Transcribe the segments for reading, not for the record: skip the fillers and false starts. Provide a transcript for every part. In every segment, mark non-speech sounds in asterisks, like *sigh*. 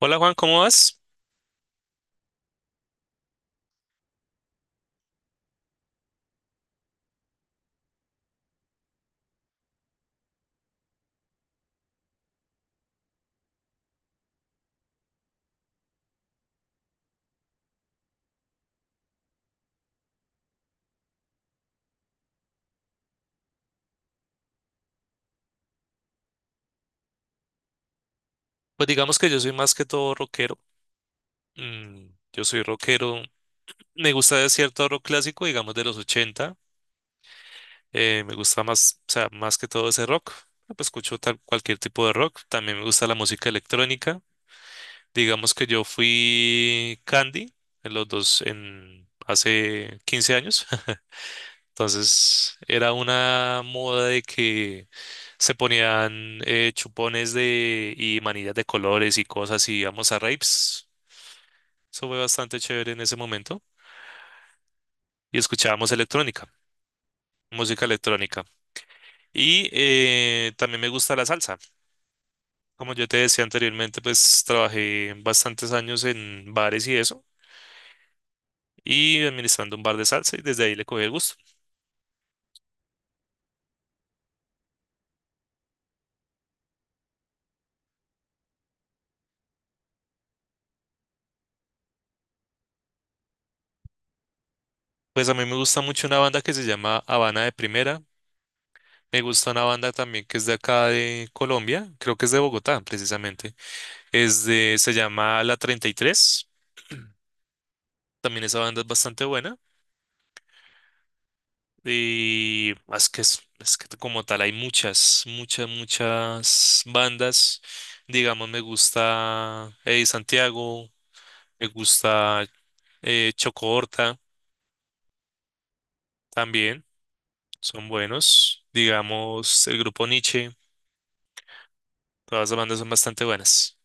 Hola Juan, ¿cómo vas? Pues digamos que yo soy más que todo rockero. Yo soy rockero. Me gusta de cierto rock clásico, digamos de los 80. Me gusta más, o sea, más que todo ese rock. Ah, pues escucho cualquier tipo de rock. También me gusta la música electrónica. Digamos que yo fui Candy en en hace 15 años. *laughs* Entonces era una moda de que se ponían chupones de y manillas de colores y cosas y íbamos a raves. Eso fue bastante chévere en ese momento. Y escuchábamos electrónica, música electrónica. Y también me gusta la salsa. Como yo te decía anteriormente, pues trabajé bastantes años en bares y eso, y administrando un bar de salsa, y desde ahí le cogí el gusto. Pues a mí me gusta mucho una banda que se llama Habana de Primera. Me gusta una banda también que es de acá de Colombia, creo que es de Bogotá, precisamente. Se llama La treinta y tres. También esa banda es bastante buena. Y es que como tal hay muchas, muchas, muchas bandas. Digamos, me gusta Eddie Santiago, me gusta Choco Horta también, son buenos. Digamos, el grupo Nietzsche, todas las bandas son bastante buenas.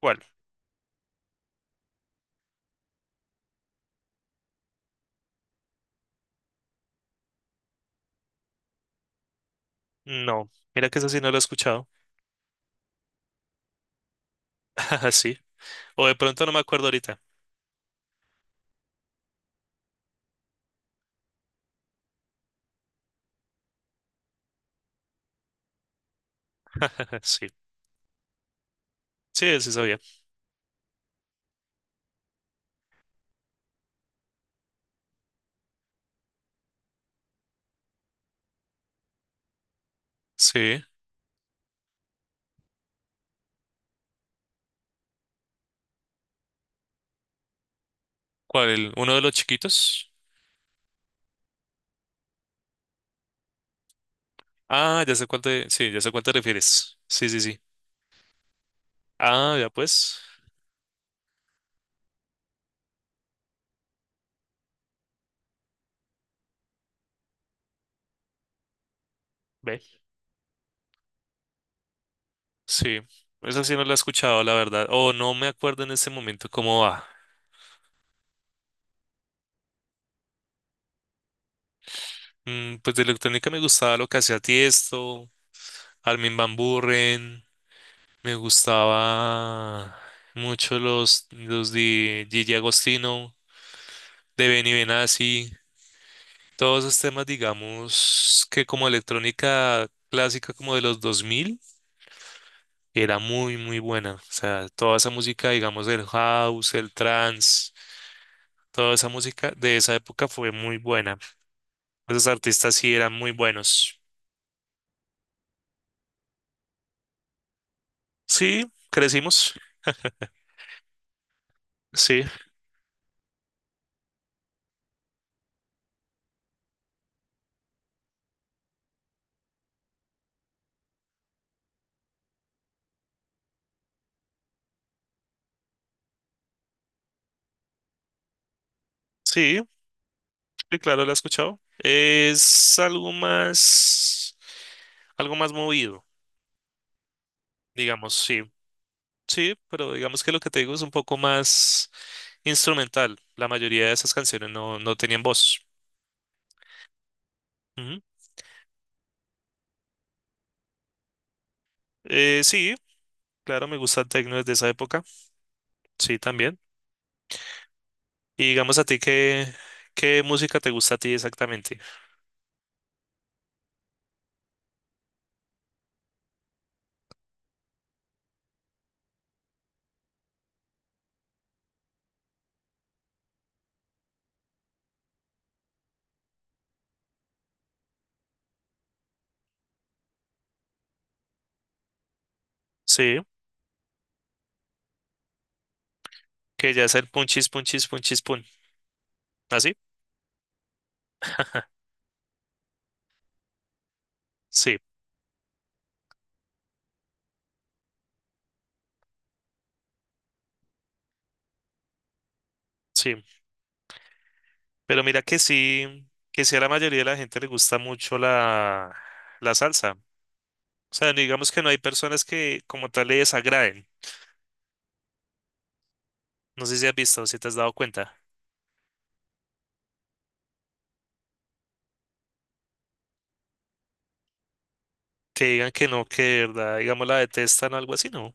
¿Cuál? No, mira que esa sí no la he escuchado. *laughs* Sí. O de pronto no me acuerdo ahorita. *laughs* Sí, sí, sí sabía. Sí. ¿Cuál? ¿Uno de los chiquitos? Ah, ya sé cuál te, sí, ya sé cuál te refieres. Sí, sí, sí. Ah, ya pues. Ve. Sí. Esa sí no la he escuchado, la verdad. O no me acuerdo en este momento cómo va. Pues de electrónica me gustaba lo que hacía Tiesto, Armin van Buuren. Me gustaba mucho los de Gigi Agostino, de Benny Benassi. Todos esos temas, digamos, que como electrónica clásica como de los 2000 era muy, muy buena. O sea, toda esa música, digamos, el house, el trance, toda esa música de esa época fue muy buena. Esos artistas sí eran muy buenos. Sí, crecimos. Sí, sí, sí, claro, la he escuchado. Es algo más movido, digamos, sí. Sí, pero digamos que lo que te digo es un poco más instrumental. La mayoría de esas canciones no, no tenían voz. Ujú. Sí, claro, me gusta el techno desde esa época. Sí, también. Y digamos a ti, ¿qué, qué música te gusta a ti exactamente? Sí, que ya es el punchis, punchis, punchis, pun. ¿Así? *laughs* Sí, sí. Pero mira que sí a la mayoría de la gente le gusta mucho la, la salsa. O sea, digamos que no hay personas que como tal le desagraden. No sé si has visto, si te has dado cuenta. Que digan que no, que de verdad, digamos, la detestan o algo así, ¿no?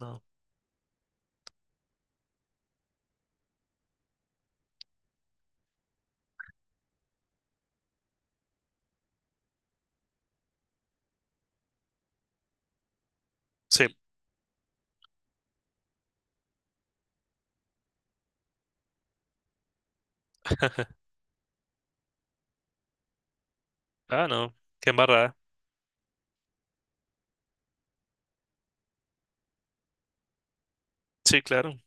No. Sí. *laughs* Ah, no. Qué embarrada. Sí, claro.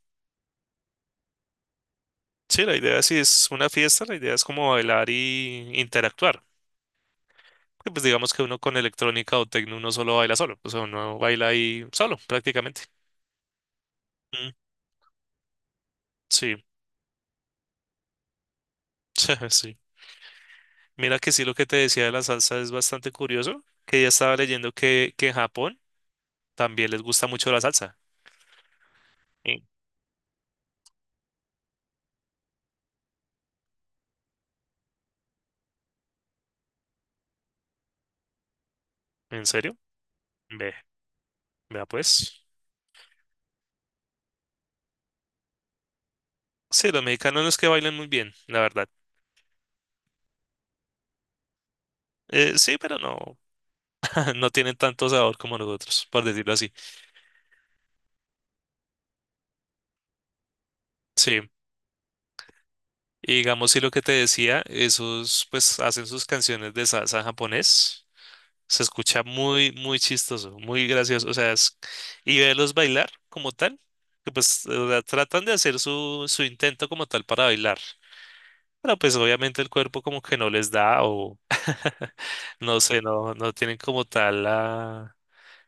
Sí, la idea si es una fiesta, la idea es como bailar y interactuar. Que, pues digamos que uno con electrónica o tecno uno solo baila solo. O sea, uno baila ahí solo, prácticamente. Mm, sí, *laughs* sí. Mira que sí, lo que te decía de la salsa es bastante curioso, que ya estaba leyendo que en Japón también les gusta mucho la salsa. ¿En en serio? Ve, vea pues. Sí, los mexicanos no es que bailen muy bien, la verdad. Sí, pero no. *laughs* No tienen tanto sabor como nosotros, por decirlo así. Sí. Y digamos, sí, lo que te decía, esos pues hacen sus canciones de salsa japonés. Se escucha muy, muy chistoso, muy gracioso. O sea, y verlos bailar como tal, que pues o sea, tratan de hacer su, su intento como tal para bailar. Pero pues obviamente el cuerpo como que no les da o *laughs* no sé, no, no tienen como tal la...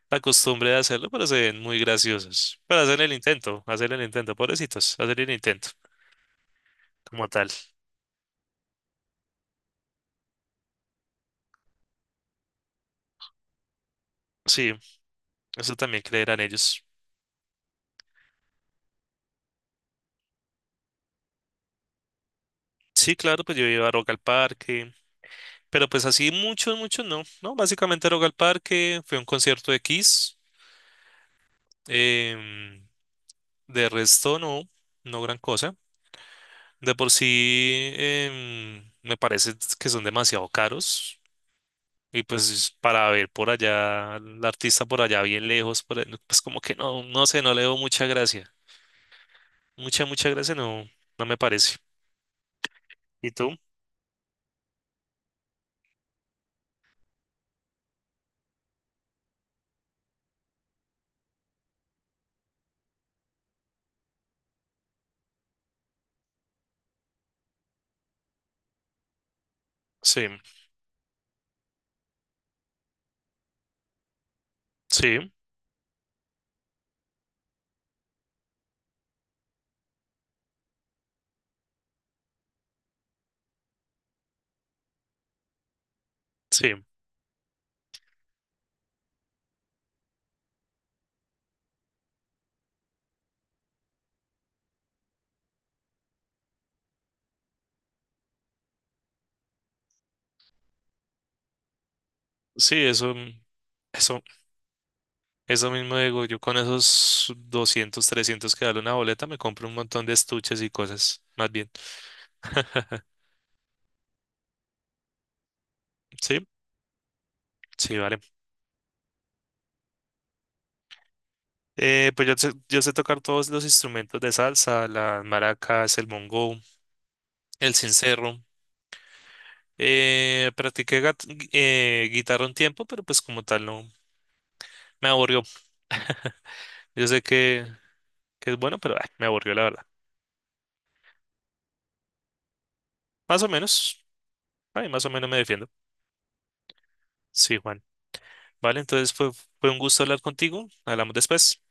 la costumbre de hacerlo, pero se ven muy graciosos. Pero hacen el intento, pobrecitos, hacen el intento como tal. Sí, eso también creerán ellos. Sí, claro, pues yo iba a Rock al Parque, pero pues así mucho, mucho no, ¿no? Básicamente Rock al Parque, fue un concierto de Kiss, em, de resto no, no gran cosa. De por sí, me parece que son demasiado caros. Y pues para ver por allá, al artista por allá bien lejos, pues como que no, no sé, no le veo mucha gracia. Mucha, mucha gracia no, no me parece. ¿Y tú? Sí, sí, sí, sí, eso, eso mismo digo, yo con esos 200 300 que vale una boleta me compro un montón de estuches y cosas, más bien. *laughs* Sí, sí, vale. Pues yo sé tocar todos los instrumentos de salsa, las maracas, el bongo, el sincero. Practiqué guitarra un tiempo, pero pues como tal no me aburrió. *laughs* Yo sé que es bueno, pero ay, me aburrió la verdad. Más o menos, ay, más o menos me defiendo. Sí, Juan. Vale, entonces fue, fue un gusto hablar contigo. Hablamos después.